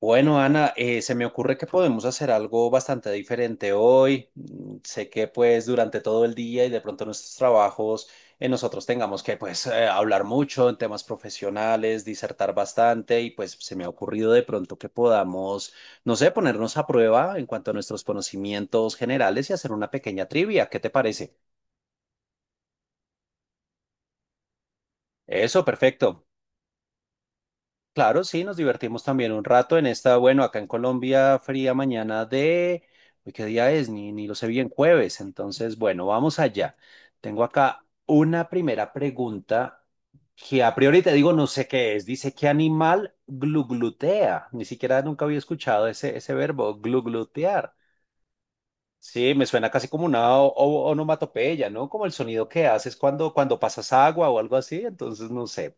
Bueno, Ana, se me ocurre que podemos hacer algo bastante diferente hoy. Sé que pues durante todo el día y de pronto nuestros trabajos, nosotros tengamos que pues hablar mucho en temas profesionales, disertar bastante y pues se me ha ocurrido de pronto que podamos, no sé, ponernos a prueba en cuanto a nuestros conocimientos generales y hacer una pequeña trivia. ¿Qué te parece? Eso, perfecto. Claro, sí, nos divertimos también un rato en esta, bueno, acá en Colombia, fría mañana de, uy, ¿qué día es? Ni, ni lo sé bien, jueves. Entonces, bueno, vamos allá. Tengo acá una primera pregunta que a priori te digo, no sé qué es. Dice, ¿qué animal gluglutea? Ni siquiera nunca había escuchado ese verbo, gluglutear. Sí, me suena casi como una onomatopeya, ¿no? Como el sonido que haces cuando pasas agua o algo así. Entonces, no sé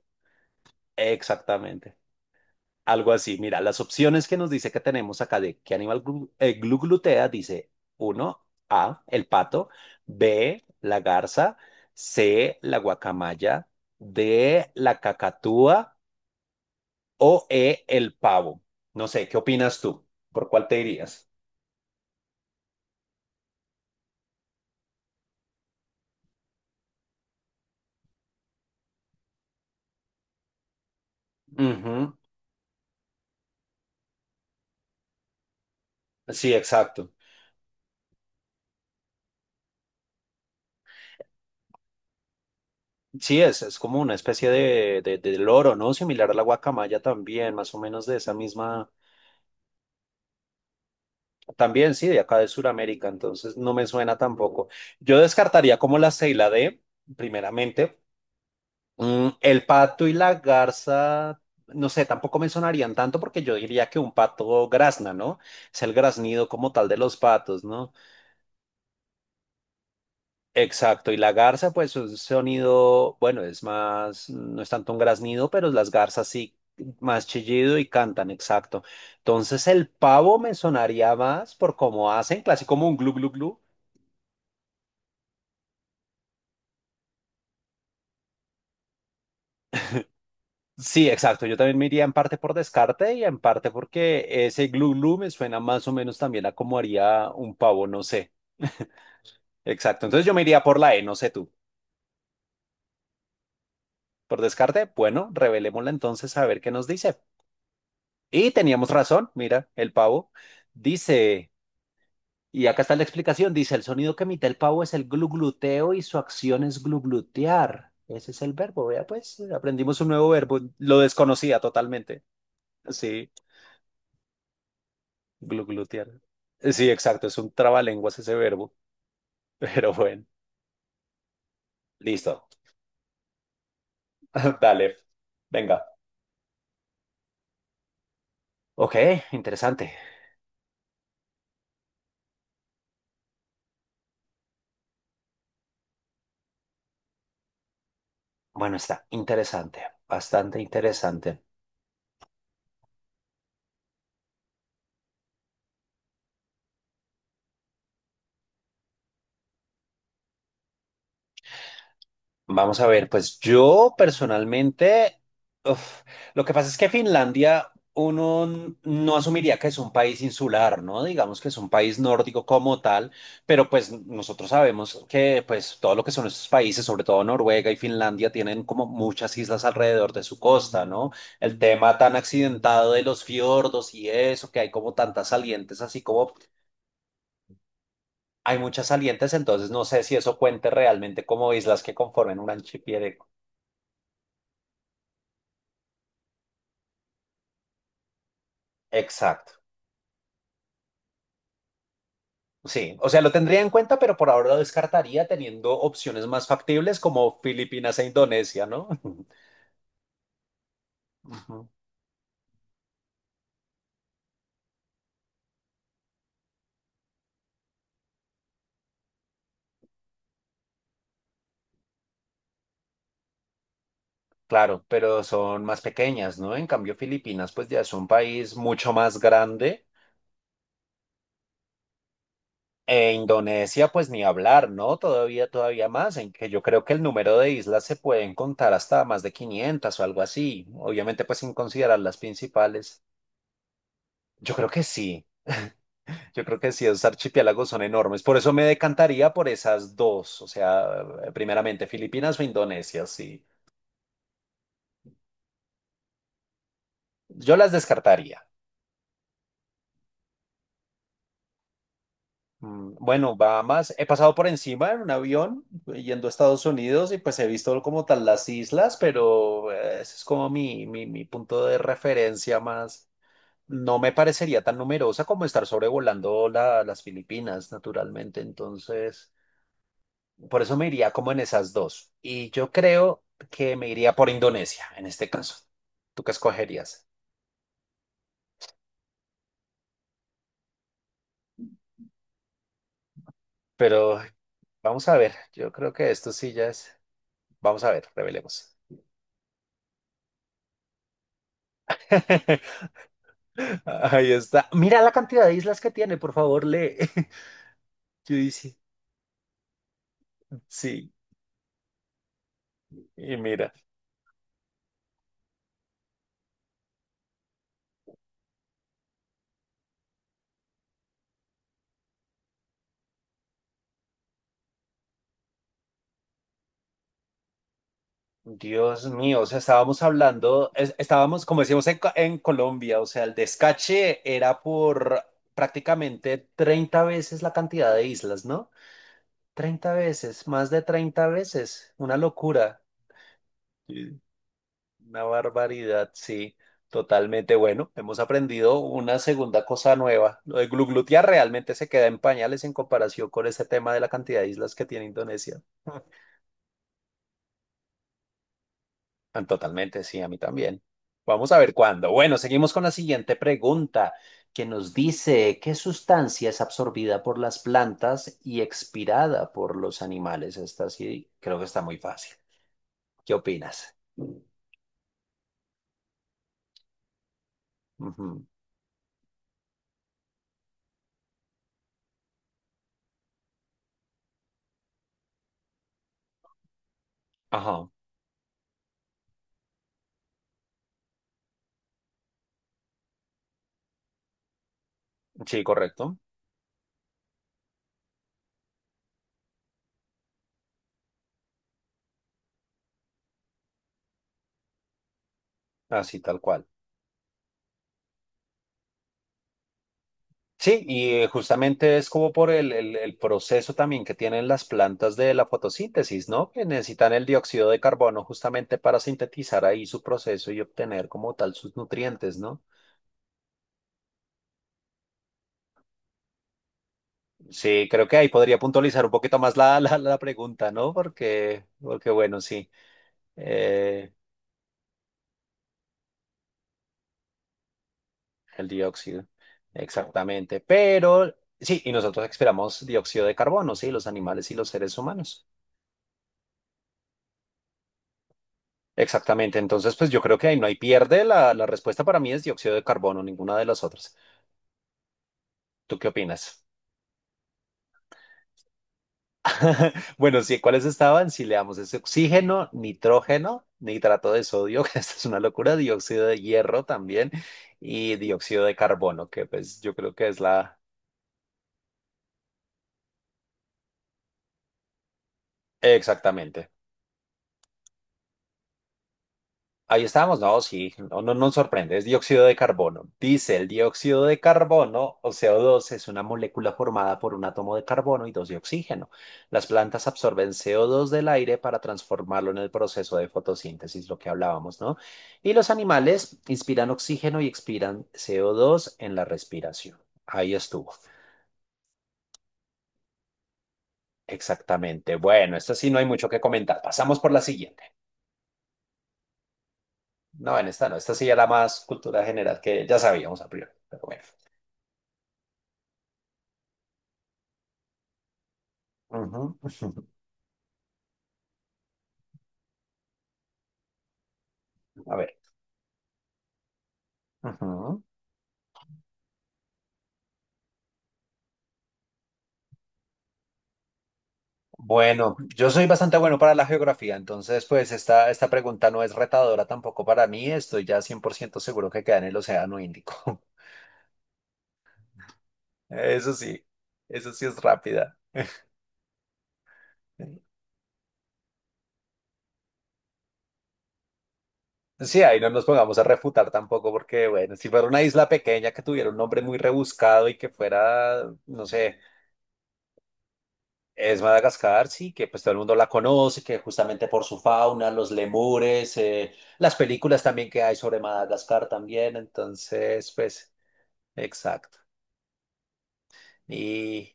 exactamente. Algo así. Mira, las opciones que nos dice que tenemos acá de qué animal glutea, dice uno A, el pato, B, la garza, C, la guacamaya, D, la cacatúa o E, el pavo. No sé, ¿qué opinas tú? ¿Por cuál te dirías? Ujú. Sí, exacto. Sí, es como una especie de loro, ¿no? Similar a la guacamaya también, más o menos de esa misma. También sí, de acá de Sudamérica, entonces no me suena tampoco. Yo descartaría como la C y la D, primeramente. Mm, el pato y la garza, no sé, tampoco me sonarían tanto porque yo diría que un pato grazna, ¿no? Es el graznido como tal de los patos, ¿no? Exacto, y la garza, pues un sonido, bueno, es más, no es tanto un graznido, pero las garzas sí, más chillido y cantan, exacto. Entonces el pavo me sonaría más por cómo hacen, casi como un glu glu glu. Sí, exacto. Yo también me iría en parte por descarte y en parte porque ese glu glu me suena más o menos también a como haría un pavo, no sé. Exacto. Entonces yo me iría por la E, no sé tú. Por descarte, bueno, revelémosla entonces a ver qué nos dice. Y teníamos razón, mira, el pavo dice, y acá está la explicación, dice, el sonido que emite el pavo es el glugluteo y su acción es gluglutear. Ese es el verbo, vea pues, aprendimos un nuevo verbo, lo desconocía totalmente. Sí. Gluglutear. Sí, exacto, es un trabalenguas ese verbo, pero bueno, listo. Dale, venga. Ok, interesante. Bueno, está interesante, bastante interesante. Vamos a ver, pues yo personalmente, uf, lo que pasa es que Finlandia uno no asumiría que es un país insular, ¿no? Digamos que es un país nórdico como tal, pero pues nosotros sabemos que pues todo lo que son estos países, sobre todo Noruega y Finlandia, tienen como muchas islas alrededor de su costa, ¿no? El tema tan accidentado de los fiordos y eso, que hay como tantas salientes, así como hay muchas salientes, entonces no sé si eso cuente realmente como islas que conformen un archipiélago. Exacto. Sí, o sea, lo tendría en cuenta, pero por ahora lo descartaría teniendo opciones más factibles como Filipinas e Indonesia, ¿no? Ujú. Claro, pero son más pequeñas, ¿no? En cambio, Filipinas pues ya es un país mucho más grande e Indonesia pues ni hablar, ¿no? Todavía, todavía más, en que yo creo que el número de islas se pueden contar hasta más de 500 o algo así, obviamente pues sin considerar las principales. Yo creo que sí. Yo creo que sí, esos archipiélagos son enormes. Por eso me decantaría por esas dos. O sea, primeramente Filipinas o Indonesia, sí. Yo las descartaría. Mm, bueno, Bahamas, he pasado por encima en un avión yendo a Estados Unidos y pues he visto como tal las islas, pero ese es como mi punto de referencia más. No me parecería tan numerosa como estar sobrevolando las Filipinas, naturalmente. Entonces, por eso me iría como en esas dos. Y yo creo que me iría por Indonesia en este caso. ¿Tú qué escogerías? Pero vamos a ver. Yo creo que esto sí ya es. Vamos a ver, revelemos. Ahí está. Mira la cantidad de islas que tiene, por favor, lee. Yo dije, sí, y mira. Dios mío, o sea, estábamos hablando, estábamos, como decíamos en Colombia, o sea, el descache era por prácticamente 30 veces la cantidad de islas, ¿no? 30 veces, más de 30 veces, una locura. Sí, una barbaridad, sí, totalmente. Bueno, hemos aprendido una segunda cosa nueva. Lo de gluglutear realmente se queda en pañales en comparación con ese tema de la cantidad de islas que tiene Indonesia. Ah, totalmente, sí, a mí también. Vamos a ver cuándo. Bueno, seguimos con la siguiente pregunta, que nos dice, ¿qué sustancia es absorbida por las plantas y expirada por los animales? Esta sí, creo que está muy fácil. ¿Qué opinas? Ajá, sí, correcto. Así tal cual. Sí, y justamente es como por el proceso también que tienen las plantas de la fotosíntesis, ¿no? Que necesitan el dióxido de carbono justamente para sintetizar ahí su proceso y obtener como tal sus nutrientes, ¿no? Sí, creo que ahí podría puntualizar un poquito más la pregunta, ¿no? Porque, porque bueno, sí, eh, el dióxido, exactamente. Pero sí, y nosotros expiramos dióxido de carbono, sí, los animales y los seres humanos. Exactamente, entonces pues yo creo que ahí no hay pierde, la respuesta para mí es dióxido de carbono, ninguna de las otras. ¿Tú qué opinas? Bueno, sí, ¿cuáles estaban? Si leamos es oxígeno, nitrógeno, nitrato de sodio, que esta es una locura, dióxido de hierro también y dióxido de carbono, que pues yo creo que es la... Exactamente. Ahí estábamos, no, sí, no, no nos sorprende, es dióxido de carbono. Dice, el dióxido de carbono o CO2 es una molécula formada por un átomo de carbono y dos de oxígeno. Las plantas absorben CO2 del aire para transformarlo en el proceso de fotosíntesis, lo que hablábamos, ¿no? Y los animales inspiran oxígeno y expiran CO2 en la respiración. Ahí estuvo. Exactamente. Bueno, esta sí no hay mucho que comentar. Pasamos por la siguiente. No, en esta no, esta sí era más cultura general que ya sabíamos a priori, pero bueno. Ujú. A ver. Ujú. Bueno, yo soy bastante bueno para la geografía, entonces pues esta pregunta no es retadora tampoco para mí, estoy ya 100% seguro que queda en el Océano Índico. Eso sí, eso sí es rápida. Sí, ahí no nos pongamos a refutar tampoco porque, bueno, si fuera una isla pequeña que tuviera un nombre muy rebuscado y que fuera, no sé, es Madagascar, sí, que pues todo el mundo la conoce, que justamente por su fauna, los lemures, las películas también que hay sobre Madagascar también, entonces, pues, exacto. Y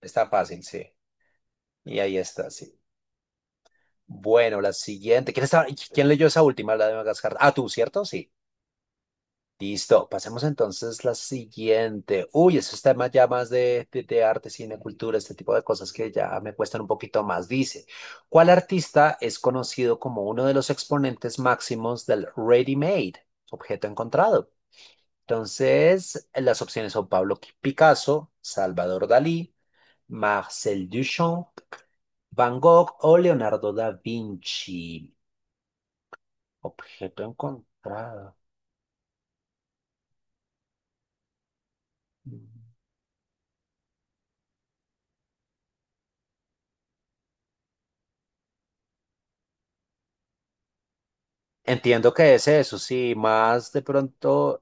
está fácil, sí. Y ahí está, sí. Bueno, la siguiente. ¿ quién leyó esa última, la de Madagascar? Ah, tú, ¿cierto? Sí. Listo, pasemos entonces la siguiente. Uy, esos temas ya más de de arte, cine, cultura, este tipo de cosas que ya me cuestan un poquito más. Dice, ¿cuál artista es conocido como uno de los exponentes máximos del ready-made, objeto encontrado? Entonces, las opciones son Pablo Picasso, Salvador Dalí, Marcel Duchamp, Van Gogh o Leonardo da Vinci. Objeto encontrado. Entiendo que es eso, sí, más de pronto,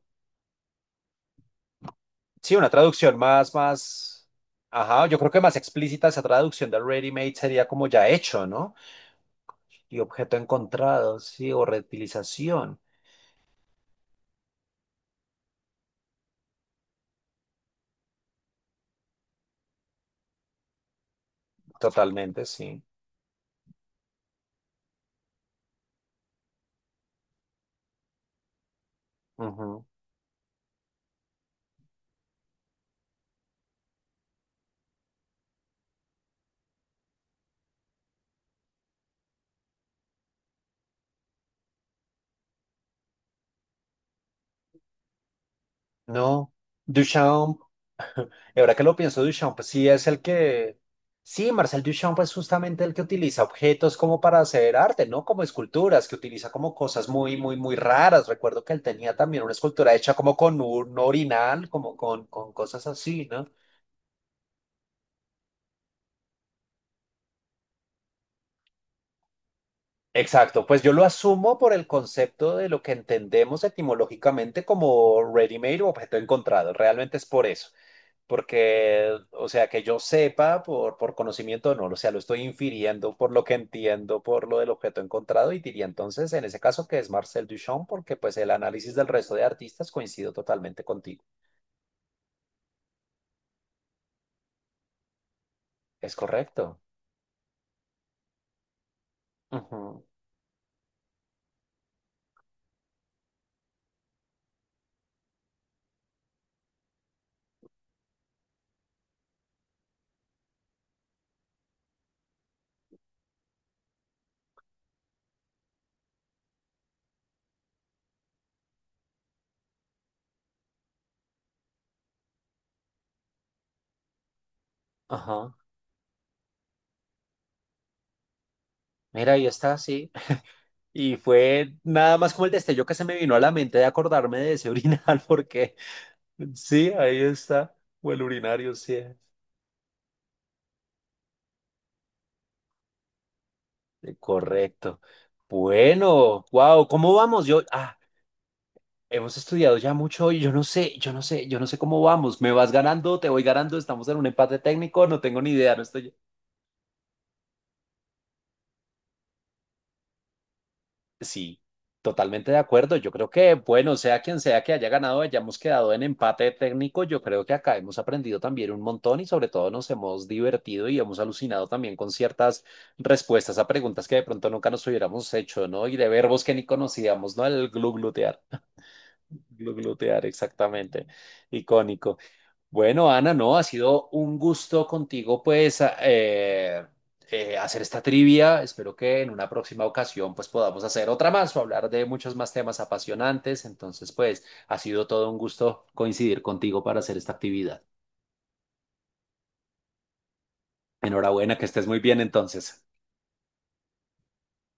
sí, una traducción más, más, ajá, yo creo que más explícita esa traducción de ready-made sería como ya hecho, ¿no? Y objeto encontrado, sí, o reutilización, totalmente, sí. Ujú. No, Duchamp y ahora que lo pienso, Duchamp, pues sí es el que... Sí, Marcel Duchamp es justamente el que utiliza objetos como para hacer arte, ¿no? Como esculturas, que utiliza como cosas muy, muy, muy raras. Recuerdo que él tenía también una escultura hecha como con un orinal, como con cosas así, ¿no? Exacto, pues yo lo asumo por el concepto de lo que entendemos etimológicamente como ready-made o objeto encontrado. Realmente es por eso. Porque, o sea, que yo sepa por conocimiento, no, o sea, lo estoy infiriendo por lo que entiendo, por lo del objeto encontrado y diría entonces, en ese caso, que es Marcel Duchamp, porque pues el análisis del resto de artistas coincido totalmente contigo. Es correcto. Ujú, ajá. Mira, ahí está, sí. Y fue nada más como el destello que se me vino a la mente de acordarme de ese urinal, porque sí, ahí está. O el urinario, sí. Correcto. Bueno, wow, ¿cómo vamos? Yo, ah. Hemos estudiado ya mucho y yo no sé, yo no sé, yo no sé cómo vamos. ¿Me vas ganando? ¿Te voy ganando? ¿Estamos en un empate técnico? No tengo ni idea, no estoy. Sí, totalmente de acuerdo. Yo creo que, bueno, sea quien sea que haya ganado, hayamos quedado en empate técnico. Yo creo que acá hemos aprendido también un montón y sobre todo nos hemos divertido y hemos alucinado también con ciertas respuestas a preguntas que de pronto nunca nos hubiéramos hecho, ¿no? Y de verbos que ni conocíamos, ¿no? El gluglutear. Gluglutear, exactamente. Icónico. Bueno, Ana, no, ha sido un gusto contigo, pues, hacer esta trivia. Espero que en una próxima ocasión, pues, podamos hacer otra más o hablar de muchos más temas apasionantes. Entonces, pues, ha sido todo un gusto coincidir contigo para hacer esta actividad. Enhorabuena, que estés muy bien entonces.